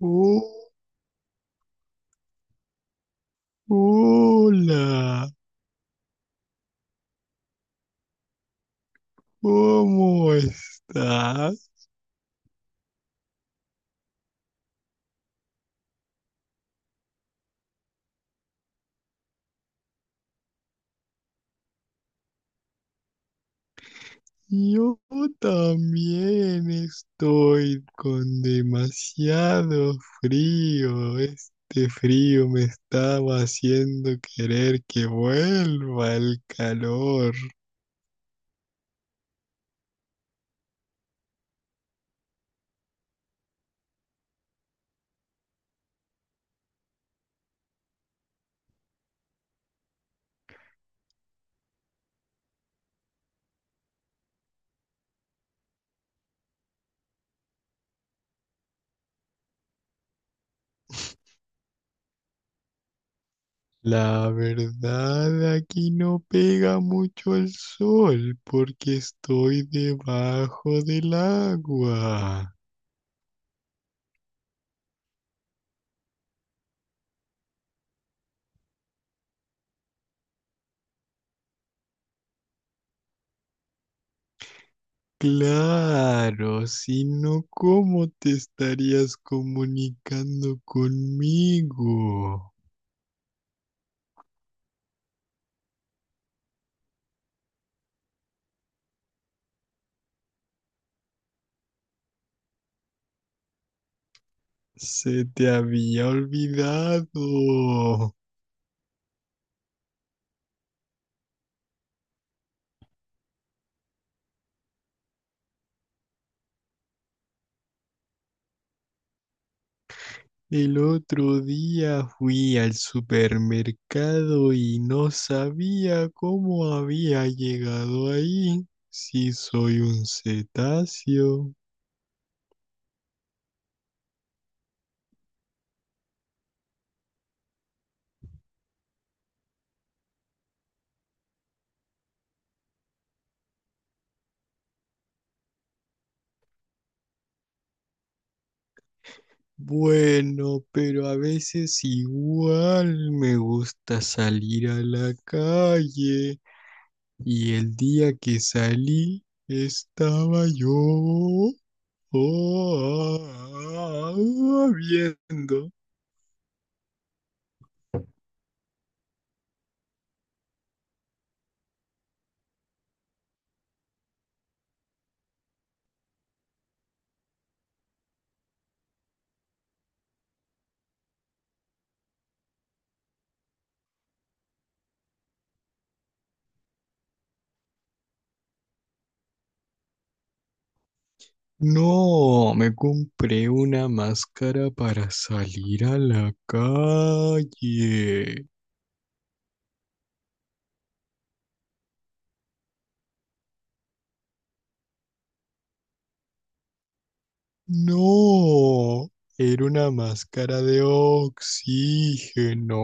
Oh, hola, ¿cómo estás? Yo también estoy con demasiado frío. Este frío me estaba haciendo querer que vuelva el calor. La verdad, aquí no pega mucho el sol porque estoy debajo del agua. Claro, si no, ¿cómo te estarías comunicando conmigo? Se te había olvidado. El otro día fui al supermercado y no sabía cómo había llegado ahí. Si soy un cetáceo. Bueno, pero a veces igual me gusta salir a la calle. Y el día que salí estaba yo ah, ah, viendo. No, me compré una máscara para salir a la calle. No, era una máscara de oxígeno.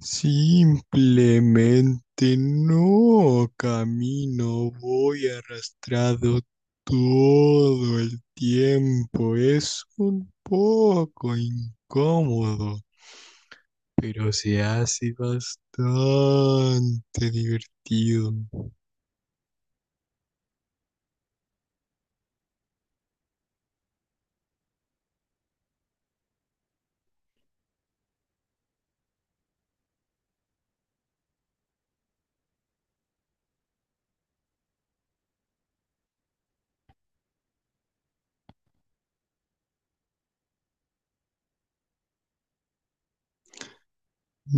Simplemente no camino, voy arrastrado todo el tiempo. Es un poco incómodo, pero se hace bastante divertido.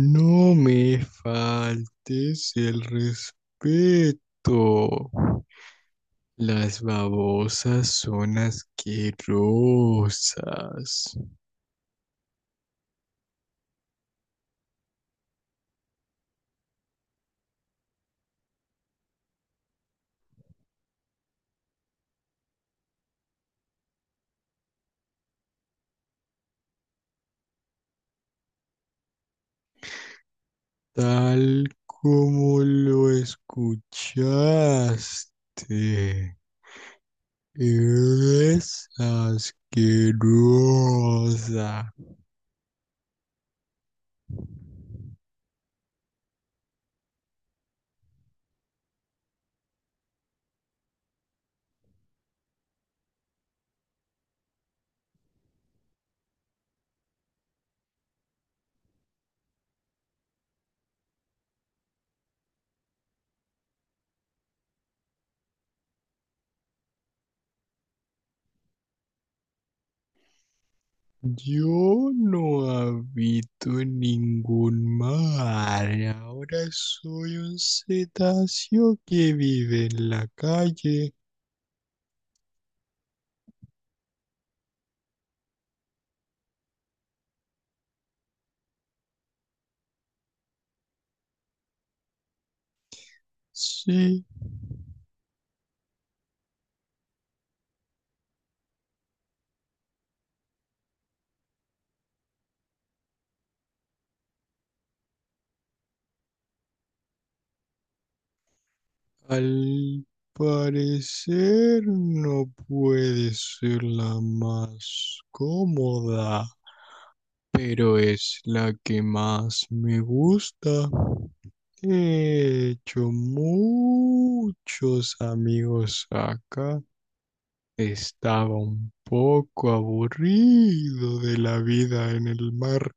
No me faltes el respeto. Las babosas son asquerosas. Tal como lo escuchaste, es asquerosa. Yo no habito en ningún mar. Ahora soy un cetáceo que vive en la calle. Sí, al parecer no puede ser la más cómoda, pero es la que más me gusta. He hecho muchos amigos acá. Estaba un poco aburrido de la vida en el mar.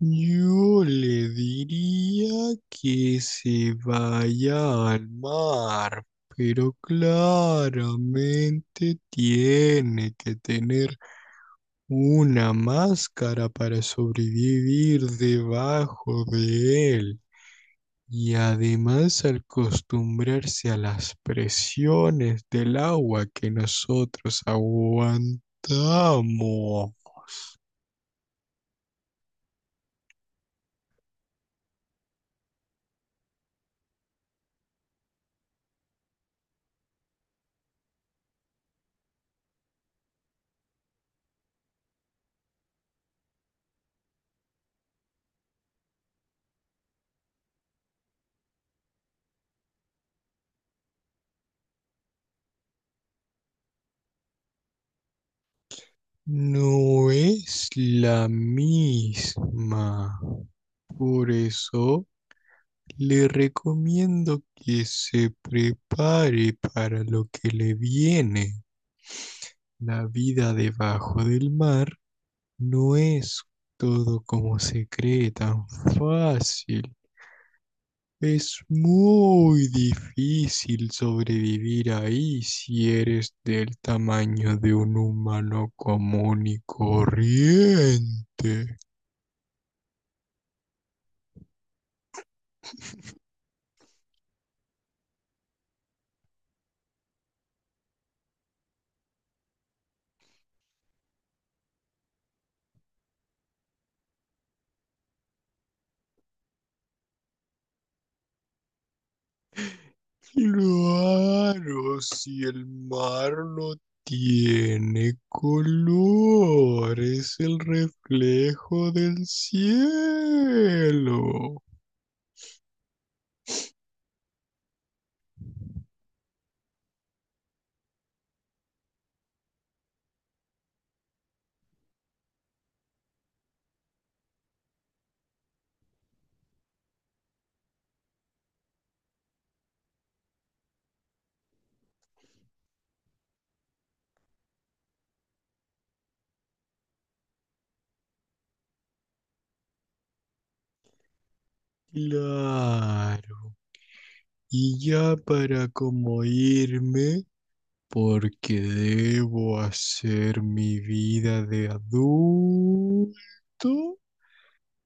Yo le diría que se vaya al mar, pero claramente tiene que tener una máscara para sobrevivir debajo de él. Y además al acostumbrarse a las presiones del agua que nosotros aguantamos, no es la misma. Por eso le recomiendo que se prepare para lo que le viene. La vida debajo del mar no es todo como se cree tan fácil. Es muy difícil sobrevivir ahí si eres del tamaño de un humano común y corriente. Claro, si el mar no tiene color, es el reflejo del cielo. Claro. Y ya para como irme, porque debo hacer mi vida de adulto,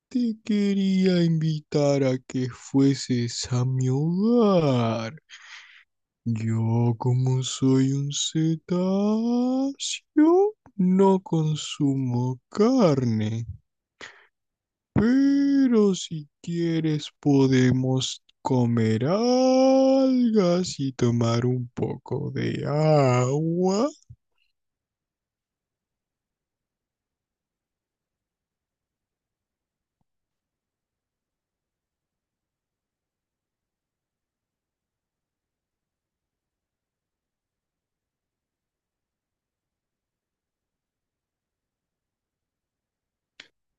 te quería invitar a que fueses a mi hogar. Yo como soy un cetáceo, no consumo carne. Pero si quieres podemos comer algas y tomar un poco de agua.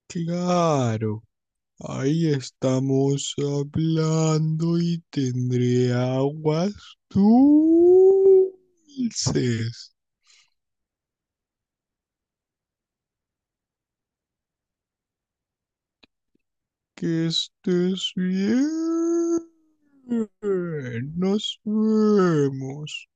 Claro, ahí estamos hablando y tendré aguas dulces. Que estés bien. Nos vemos.